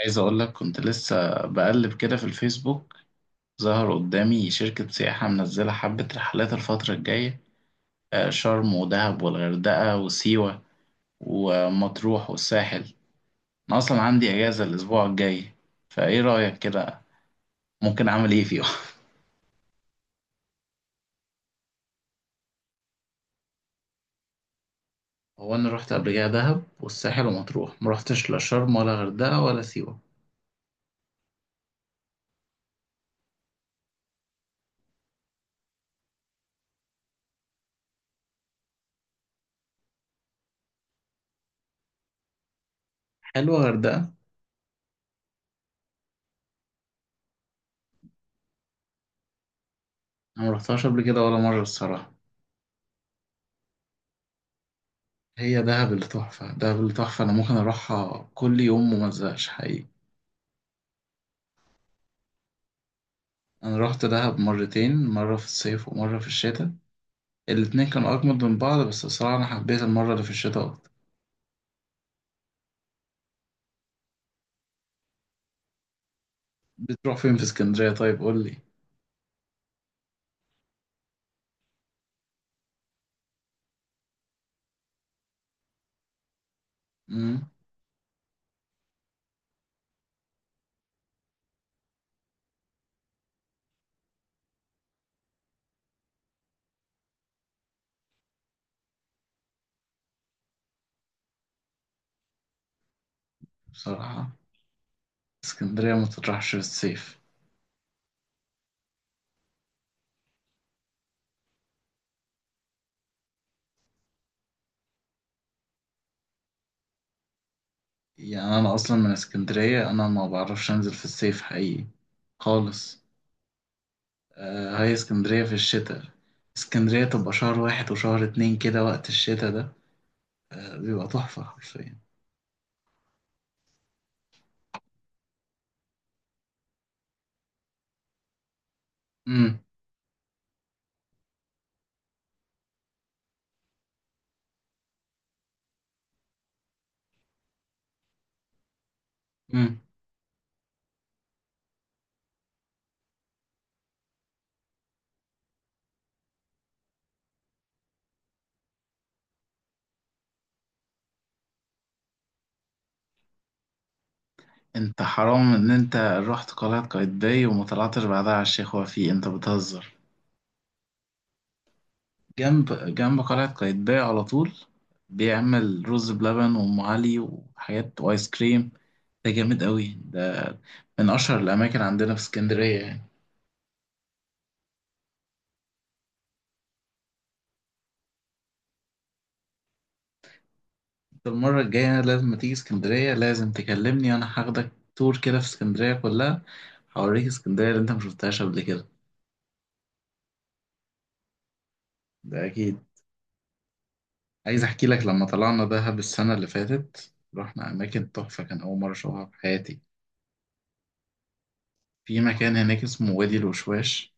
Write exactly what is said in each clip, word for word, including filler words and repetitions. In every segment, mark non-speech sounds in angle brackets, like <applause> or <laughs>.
عايز اقول لك، كنت لسه بقلب كده في الفيسبوك. ظهر قدامي شركة سياحة منزلة حبة رحلات الفترة الجاية. آه، شرم ودهب والغردقة وسيوة ومطروح والساحل. انا اصلا عندي اجازة الاسبوع الجاي، فايه رأيك كده؟ ممكن اعمل ايه فيهم؟ <laughs> هو انا رحت قبل كده دهب والساحل ومطروح، مرحتش لا شرم ولا غردقة ولا سيوة. حلوة غردقة. انا مرحتهاش قبل كده ولا مرة الصراحة. هي دهب اللي تحفة، دهب اللي تحفة. انا ممكن اروحها كل يوم ومزهقش حقيقي. انا رحت دهب مرتين، مره في الصيف ومره في الشتاء. الاتنين كانوا اجمد من بعض، بس بصراحه انا حبيت المره اللي في الشتاء اكتر. بتروح فين في اسكندريه؟ طيب قول لي. امم. بصراحه اسكندريه ما تطرحش في الصيف. يعني انا اصلا من اسكندريه، انا ما بعرفش انزل في الصيف حقيقي، خالص. آه، هي اسكندريه في الشتاء، اسكندريه تبقى شهر واحد وشهر اتنين كده، وقت الشتاء ده آه بيبقى تحفه حرفيا. امم. انت حرام ان انت رحت قلعة قايتباي وما طلعتش بعدها على الشيخ وفيق؟ انت بتهزر. جنب جنب قلعة قايتباي على طول. بيعمل رز بلبن وام علي وحاجات وايس كريم. ده جامد قوي ده، من اشهر الاماكن عندنا في اسكندرية يعني. انت المرة الجاية لازم ما تيجي اسكندرية لازم تكلمني، انا هاخدك تور كده في اسكندرية كلها. هوريك اسكندرية اللي انت مشفتهاش قبل كده. ده اكيد. عايز احكي لك لما طلعنا دهب السنة اللي فاتت رحنا اماكن تحفة، كان اول مرة اشوفها في حياتي. في مكان هناك اسمه وادي الوشواش.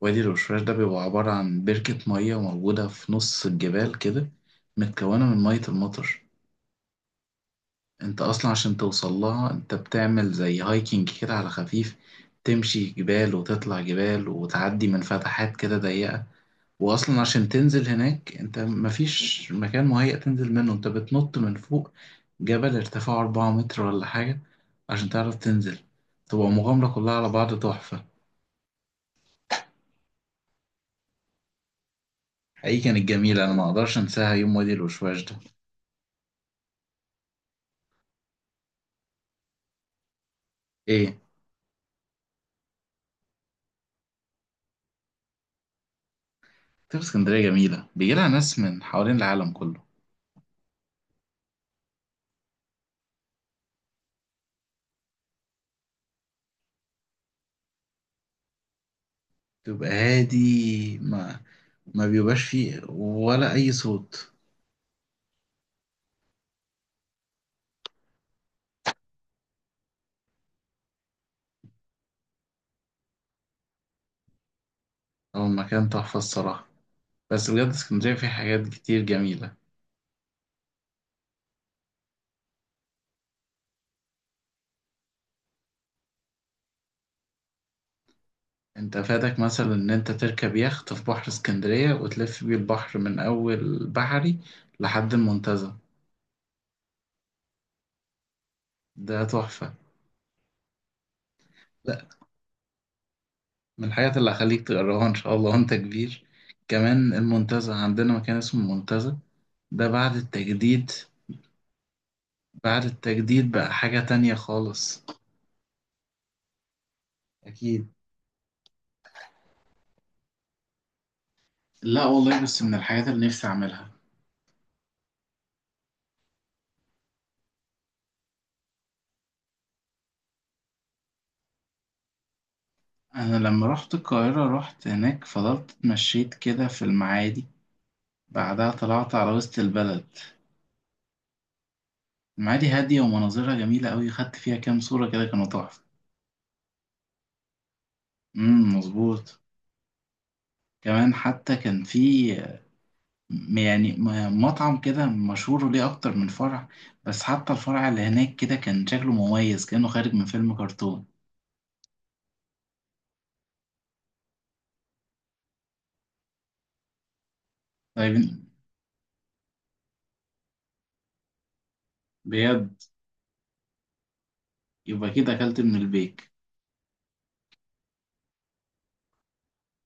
وادي الوشواش ده بيبقى عبارة عن بركة مية موجودة في نص الجبال كده، متكونة من مية المطر. انت اصلا عشان توصل لها انت بتعمل زي هايكنج كده على خفيف، تمشي جبال وتطلع جبال وتعدي من فتحات كده ضيقة. واصلا عشان تنزل هناك انت مفيش مكان مهيأ تنزل منه، انت بتنط من فوق جبل ارتفاعه أربعة متر ولا حاجة عشان تعرف تنزل. تبقى مغامرة كلها على بعض تحفة. حقيقي كانت جميلة، انا ما اقدرش انساها يوم وادي الوشواش ده. ايه؟ تبقى اسكندرية جميلة، بيجيلها ناس من حوالين العالم كله. تبقى هادي، ما ما بيبقاش فيه ولا اي صوت. هو المكان تحفة الصراحة. بس بجد اسكندرية فيه حاجات كتير جميلة. انت فاتك مثلا ان انت تركب يخت في بحر اسكندرية وتلف بيه البحر من اول بحري لحد المنتزه. ده تحفة. لا، من الحاجات اللي هخليك تجربها ان شاء الله وانت كبير. كمان المنتزه، عندنا مكان اسمه المنتزه، ده بعد التجديد. بعد التجديد بقى حاجة تانية خالص. اكيد. لا والله، بس من الحاجات اللي نفسي اعملها. انا لما رحت القاهرة رحت هناك، فضلت اتمشيت كده في المعادي، بعدها طلعت على وسط البلد. المعادي هادية ومناظرها جميلة أوي، خدت فيها كام صورة كده كانوا تحفة. امم، مظبوط. كمان حتى كان في م- يعني م- مطعم كده مشهور ليه أكتر من فرع، بس حتى الفرع اللي هناك كده كان شكله مميز كأنه خارج من فيلم كرتون. طيب. بجد؟ يبقى كده أكلت من البيك.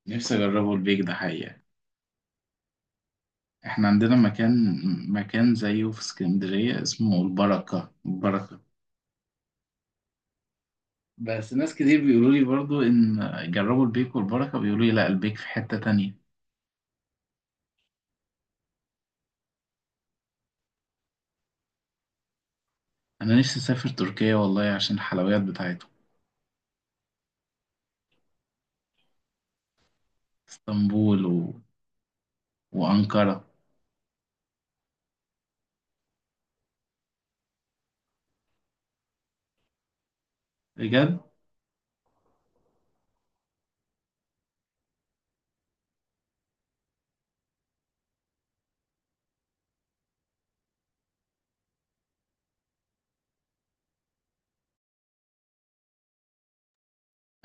نفسي أجربه البيك ده حقيقة. إحنا عندنا مكان مكان زيه في اسكندرية اسمه البركة، البركة. بس ناس كتير بيقولوا لي برضو إن جربوا البيك والبركة، بيقولوا لي لا، البيك في حتة تانية. انا نفسي اسافر تركيا والله عشان الحلويات بتاعتهم. اسطنبول و... وانقرة. بجد.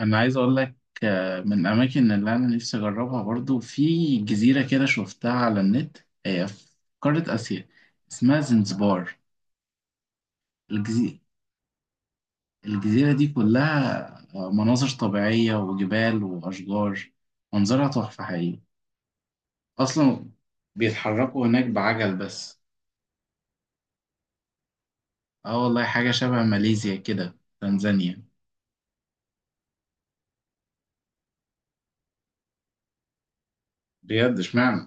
انا عايز اقول لك، آه، من الاماكن اللي انا نفسي اجربها برضو في جزيرة كده شفتها على النت. هي في قارة اسيا، اسمها زنزبار. الجزي... الجزيرة دي كلها آه، مناظر طبيعية وجبال واشجار. منظرها تحفة حقيقي. اصلا بيتحركوا هناك بعجل بس. اه والله، حاجة شبه ماليزيا كده، تنزانيا. بجد؟ اشمعنى؟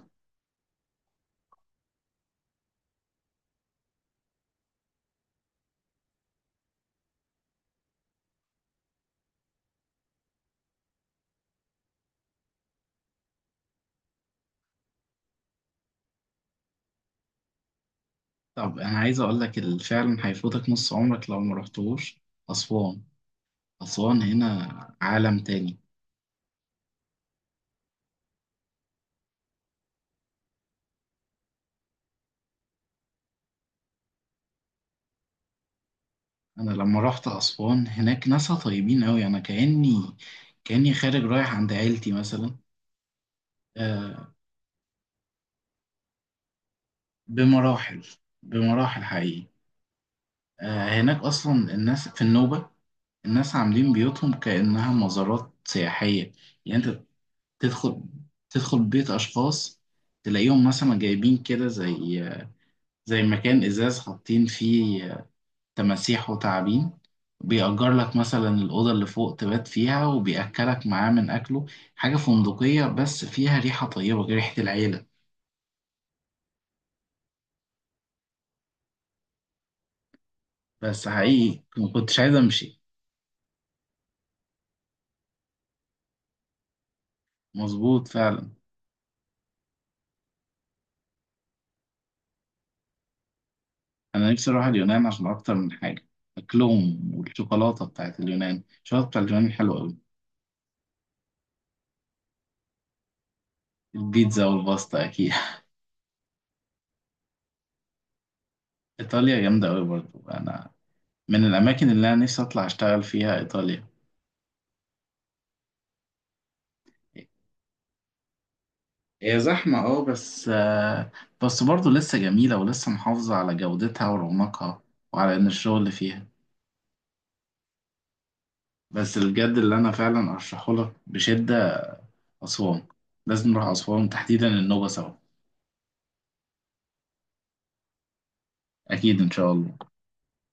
طب انا عايز اقول لك اللي فعلا هيفوتك نص عمرك لو ما رحتوش، اسوان. اسوان هنا عالم تاني. انا لما رحت اسوان هناك ناسها طيبين قوي، انا كاني كاني خارج رايح عند عيلتي مثلا. آه، بمراحل، بمراحل حقيقي. آه، هناك اصلا الناس في النوبة، الناس عاملين بيوتهم كأنها مزارات سياحية. يعني انت تدخل تدخل بيت اشخاص، تلاقيهم مثلا جايبين كده زي زي مكان ازاز حاطين فيه تماسيح وتعابين. بيأجر لك مثلا الأوضة اللي فوق تبات فيها وبيأكلك معاه من أكله. حاجة فندقية بس فيها ريحة طيبة، ريحة العيلة. بس حقيقي ما كنتش عايز أمشي. مظبوط فعلا. أنا نفسي أروح اليونان عشان أكتر من حاجة. أكلهم والشوكولاتة بتاعت اليونان، الشوكولاتة بتاعت اليونان حلوة أوي. البيتزا والباستا أكيد. <laughs> إيطاليا جامدة أوي برضو. أنا من الأماكن اللي أنا نفسي أطلع أشتغل فيها إيطاليا. هي زحمة اه، بس آه، بس برضه لسه جميلة ولسه محافظة على جودتها ورونقها، وعلى إن الشغل فيها. بس الجد اللي أنا فعلا أرشحهولك بشدة، أسوان. لازم نروح أسوان تحديدا، النوبة سوا. أكيد إن شاء الله.